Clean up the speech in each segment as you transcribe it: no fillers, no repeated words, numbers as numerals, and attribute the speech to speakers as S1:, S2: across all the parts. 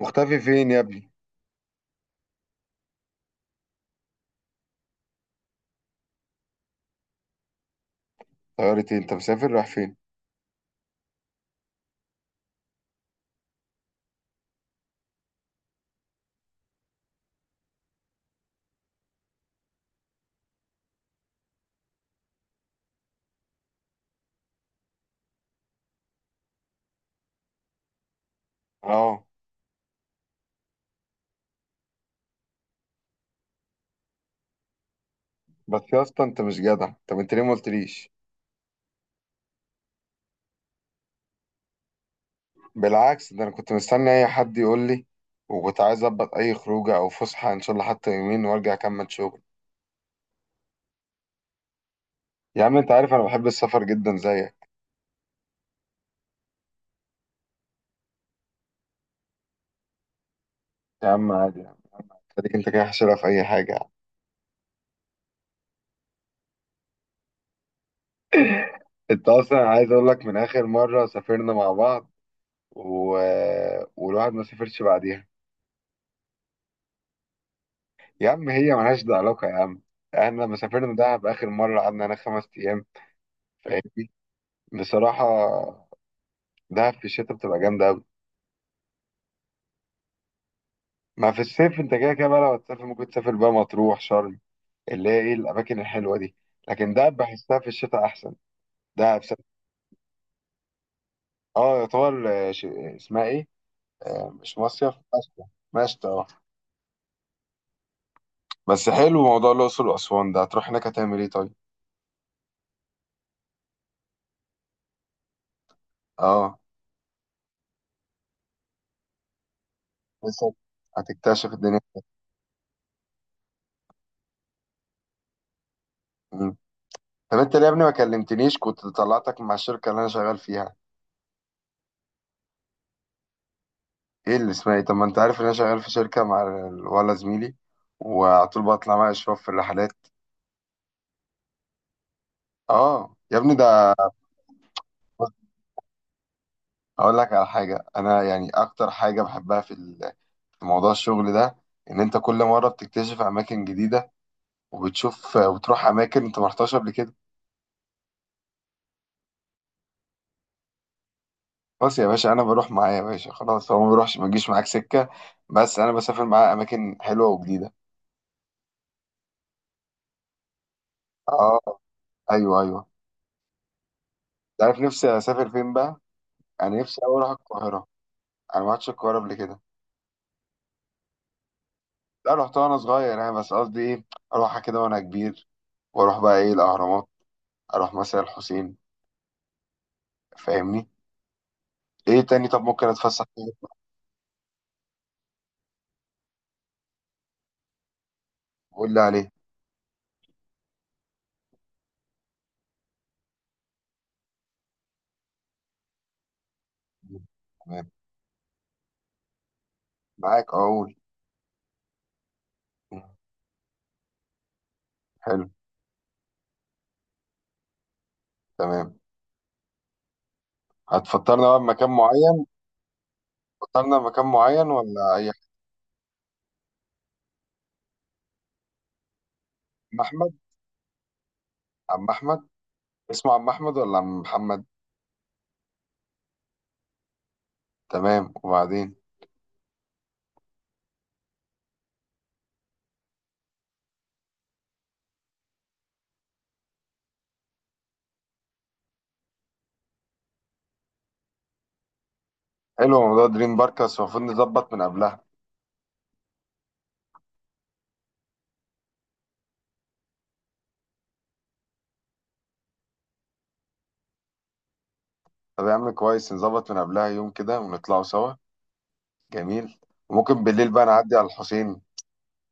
S1: مختفي فين يا ابني؟ طيارتي انت مسافر رايح فين؟ اه، بس يا اسطى انت مش جدع، طب انت ليه ما قلتليش؟ بالعكس، ده انا كنت مستني اي حد يقول لي، وكنت عايز اظبط اي خروجه او فسحه ان شاء الله حتى يومين وارجع اكمل شغل. يا عم انت عارف انا بحب السفر جدا زيك. يا عم عادي يعني، خليك انت كده حشرها في اي حاجه يعني. انت اصلا عايز اقول لك، من اخر مره سافرنا مع بعض و... والواحد ما سافرش بعديها. يا عم هي ملهاش ده علاقه يا عم، احنا لما سافرنا دهب اخر مره قعدنا انا خمس ايام. فاهم؟ بصراحة، دهب في الشتاء بتبقى جامدة أوي. ما في الصيف أنت كده كده بقى، لو هتسافر ممكن تسافر بقى مطروح، شرم، اللي هي إيه الأماكن الحلوة دي. لكن دهب بحسها في الشتاء أحسن. دهب س... أه يعتبر اسمها إيه؟ مش مصيف، مشتى. مشتى أه. بس حلو موضوع الأقصر وأسوان، ده هتروح هناك هتعمل إيه طيب؟ أه. لسه، هتكتشف الدنيا. مم. طب أنت ليه يا ابني ما كلمتنيش؟ كنت طلعتك مع الشركة اللي أنا شغال فيها. ايه اللي اسمها ايه؟ طب ما انت عارف ان انا شغال في شركه مع ولا زميلي، وعلى طول بطلع مع اشراف في الرحلات. اه يا ابني ده. اقول لك على حاجه، انا يعني اكتر حاجه بحبها في في موضوع الشغل ده، ان انت كل مره بتكتشف اماكن جديده، وبتشوف وتروح اماكن انت ما رحتهاش قبل كده. خلاص يا باشا، انا بروح معاه يا باشا، خلاص هو ما بيروحش ما بيجيش معاك سكه، بس انا بسافر معاه اماكن حلوه وجديده. اه. ايوه ايوه. انت عارف نفسي اسافر فين بقى؟ انا نفسي أوي اروح القاهره. انا ما رحتش القاهره قبل كده. لا، رحت وانا صغير يعني، بس قصدي ايه، اروحها كده وانا كبير، واروح بقى ايه الاهرامات، اروح مثلا الحسين، فاهمني، ايه تاني طب ممكن اتفسح فيه؟ قول لي عليه. تمام. معاك، اقول. حلو. تمام. هتفطرنا بقى بمكان معين؟ فطرنا بمكان معين ولا اي حاجة؟ عم احمد. عم احمد. اسمه عم احمد ولا عم محمد؟ تمام، وبعدين؟ حلو موضوع دريم بارك، بس المفروض نظبط من قبلها. طب يا عم كويس، نظبط من قبلها يوم كده ونطلعوا سوا. جميل. وممكن بالليل بقى نعدي على الحسين.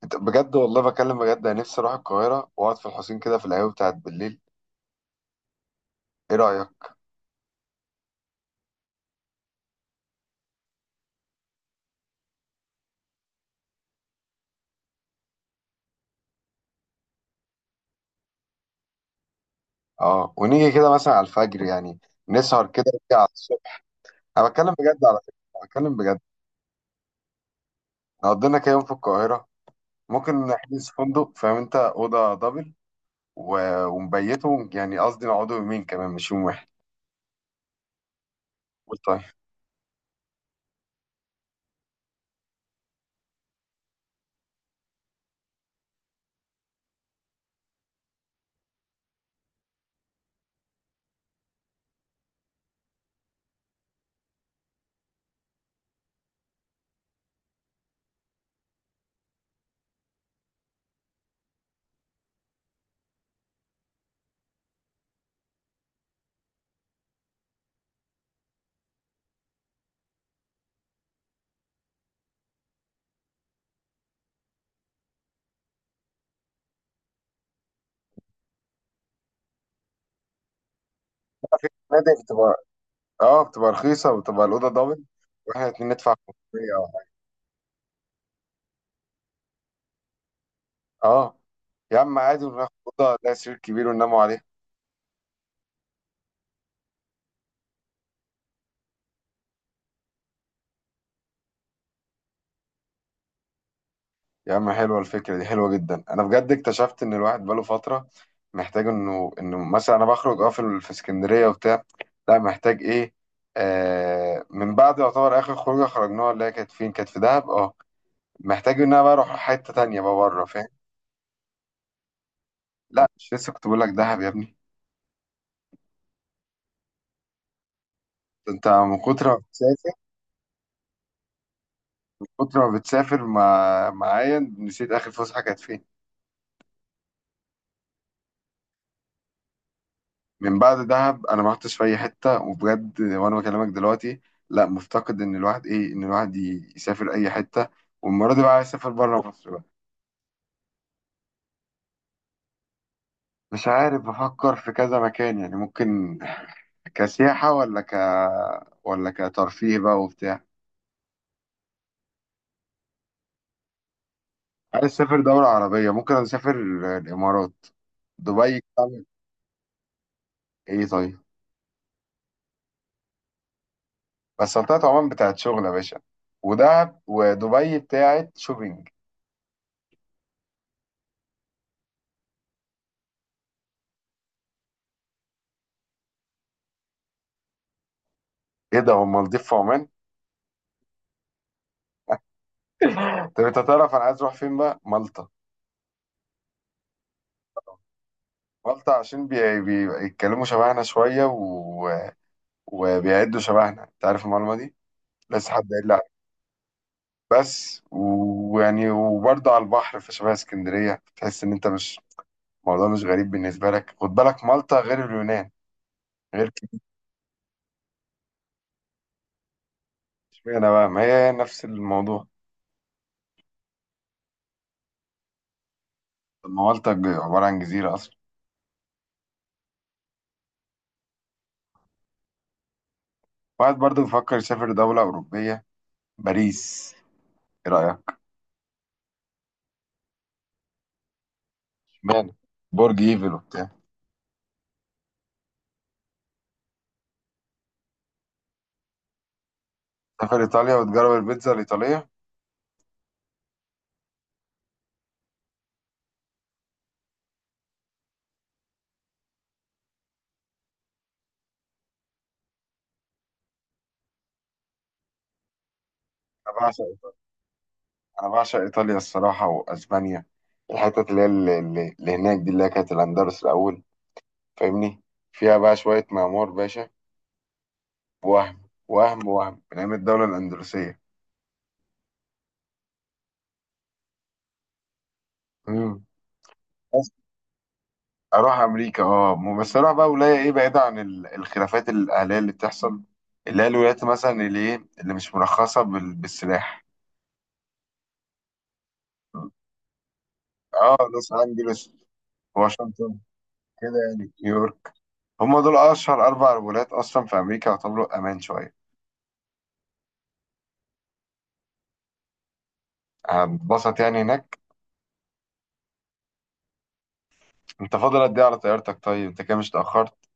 S1: انت بجد والله بكلم بجد، انا نفسي اروح القاهره واقعد في الحسين كده في القهوه بتاعت بالليل. ايه رايك؟ اه، ونيجي كده مثلا على الفجر يعني، نسهر كده ونيجي على الصبح. انا بتكلم بجد على فكره، بتكلم بجد. نقضي لنا كده يوم في القاهره، ممكن نحجز فندق فاهم انت، اوضه دبل، ونبيته، يعني قصدي نقعدوا يومين كمان مش يوم واحد. قول طيب. نادي بتبقى، اه بتبقى رخيصه وبتبقى الاوضه دبل، واحنا الاتنين ندفع 500 أو حاجة. اه يا عم عادي، وناخد اوضه لها سرير كبير ونناموا عليه. يا عم حلوة الفكرة دي، حلوة جدا. أنا بجد اكتشفت إن الواحد بقاله فترة محتاج إنه مثلا أنا بخرج أه في في اسكندرية وبتاع. لا محتاج إيه، آه من بعد يعتبر آخر خروجة خرجناها اللي هي كانت فين، كانت في دهب أه. محتاج إن أنا بقى أروح حتة تانية بقى بره، فاهم. لا مش لسه، كنت بقول لك دهب يا ابني. أنت من كتر ما بتسافر، من كتر ما بتسافر معايا نسيت آخر فسحة كانت فين. من بعد دهب انا ما رحتش في اي حته وبجد، وانا بكلمك دلوقتي. لا، مفتقد ان الواحد ايه، ان الواحد يسافر اي حته. والمره دي بقى عايز اسافر بره مصر بقى. مش عارف، بفكر في كذا مكان يعني، ممكن كسياحه، ولا ك، ولا كترفيه بقى وبتاع. عايز اسافر دوله عربيه، ممكن اسافر الامارات. دبي بتعمل ايه طيب؟ بس سلطنة عمان بتاعت شغل يا باشا، ودهب ودبي بتاعت شوبينج. ايه ده، هو المالديف في عمان؟ طب انت تعرف انا عايز اروح فين بقى؟ مالطا. مالطا عشان بيتكلموا شبهنا شوية وبيعدوا شبهنا، انت عارف المعلومة دي لسه حد قايل لي عليها. بس ويعني، وبرضه على البحر فشبه اسكندرية، تحس ان انت مش الموضوع مش غريب بالنسبة لك. خد بالك مالطا غير اليونان. غير كده اشمعنى بقى، ما هي نفس الموضوع. طب ما مالطا عبارة عن جزيرة أصلا. واحد برضه بيفكر يسافر دولة أوروبية، باريس، ايه رأيك؟ اشمعنى؟ برج ايفل وبتاع. سافر إيطاليا وتجرب البيتزا الإيطالية. أنا بعشق انا بعشق ايطاليا الصراحه، واسبانيا. الحتت اللي هي اللي، اللي هناك دي، اللي هي كانت الاندلس الاول، فاهمني، فيها بقى شويه معمار باشا، وهم وهم من ايام الدوله الاندلسيه. امم. بس اروح امريكا اه، بس اروح بقى ولايه ايه بعيده عن الخلافات الاهليه اللي بتحصل، اللي هي الولايات مثلا اللي ايه اللي مش مرخصه بالسلاح. اه، لوس انجلوس، واشنطن، كده يعني، نيويورك. هم دول اشهر اربع ولايات اصلا في امريكا، يعتبروا امان شويه. هتبسط يعني هناك. انت فاضل قد ايه على طيارتك طيب؟ انت كده مش اتأخرت؟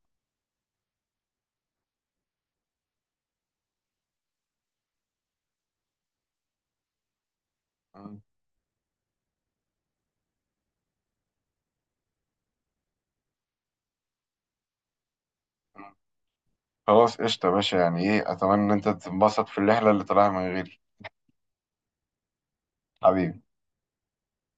S1: مم. خلاص قشطة يا باشا، يعني ايه، اتمنى ان انت تتبسط في الرحلة اللي طالعها من غيري. حبيبي.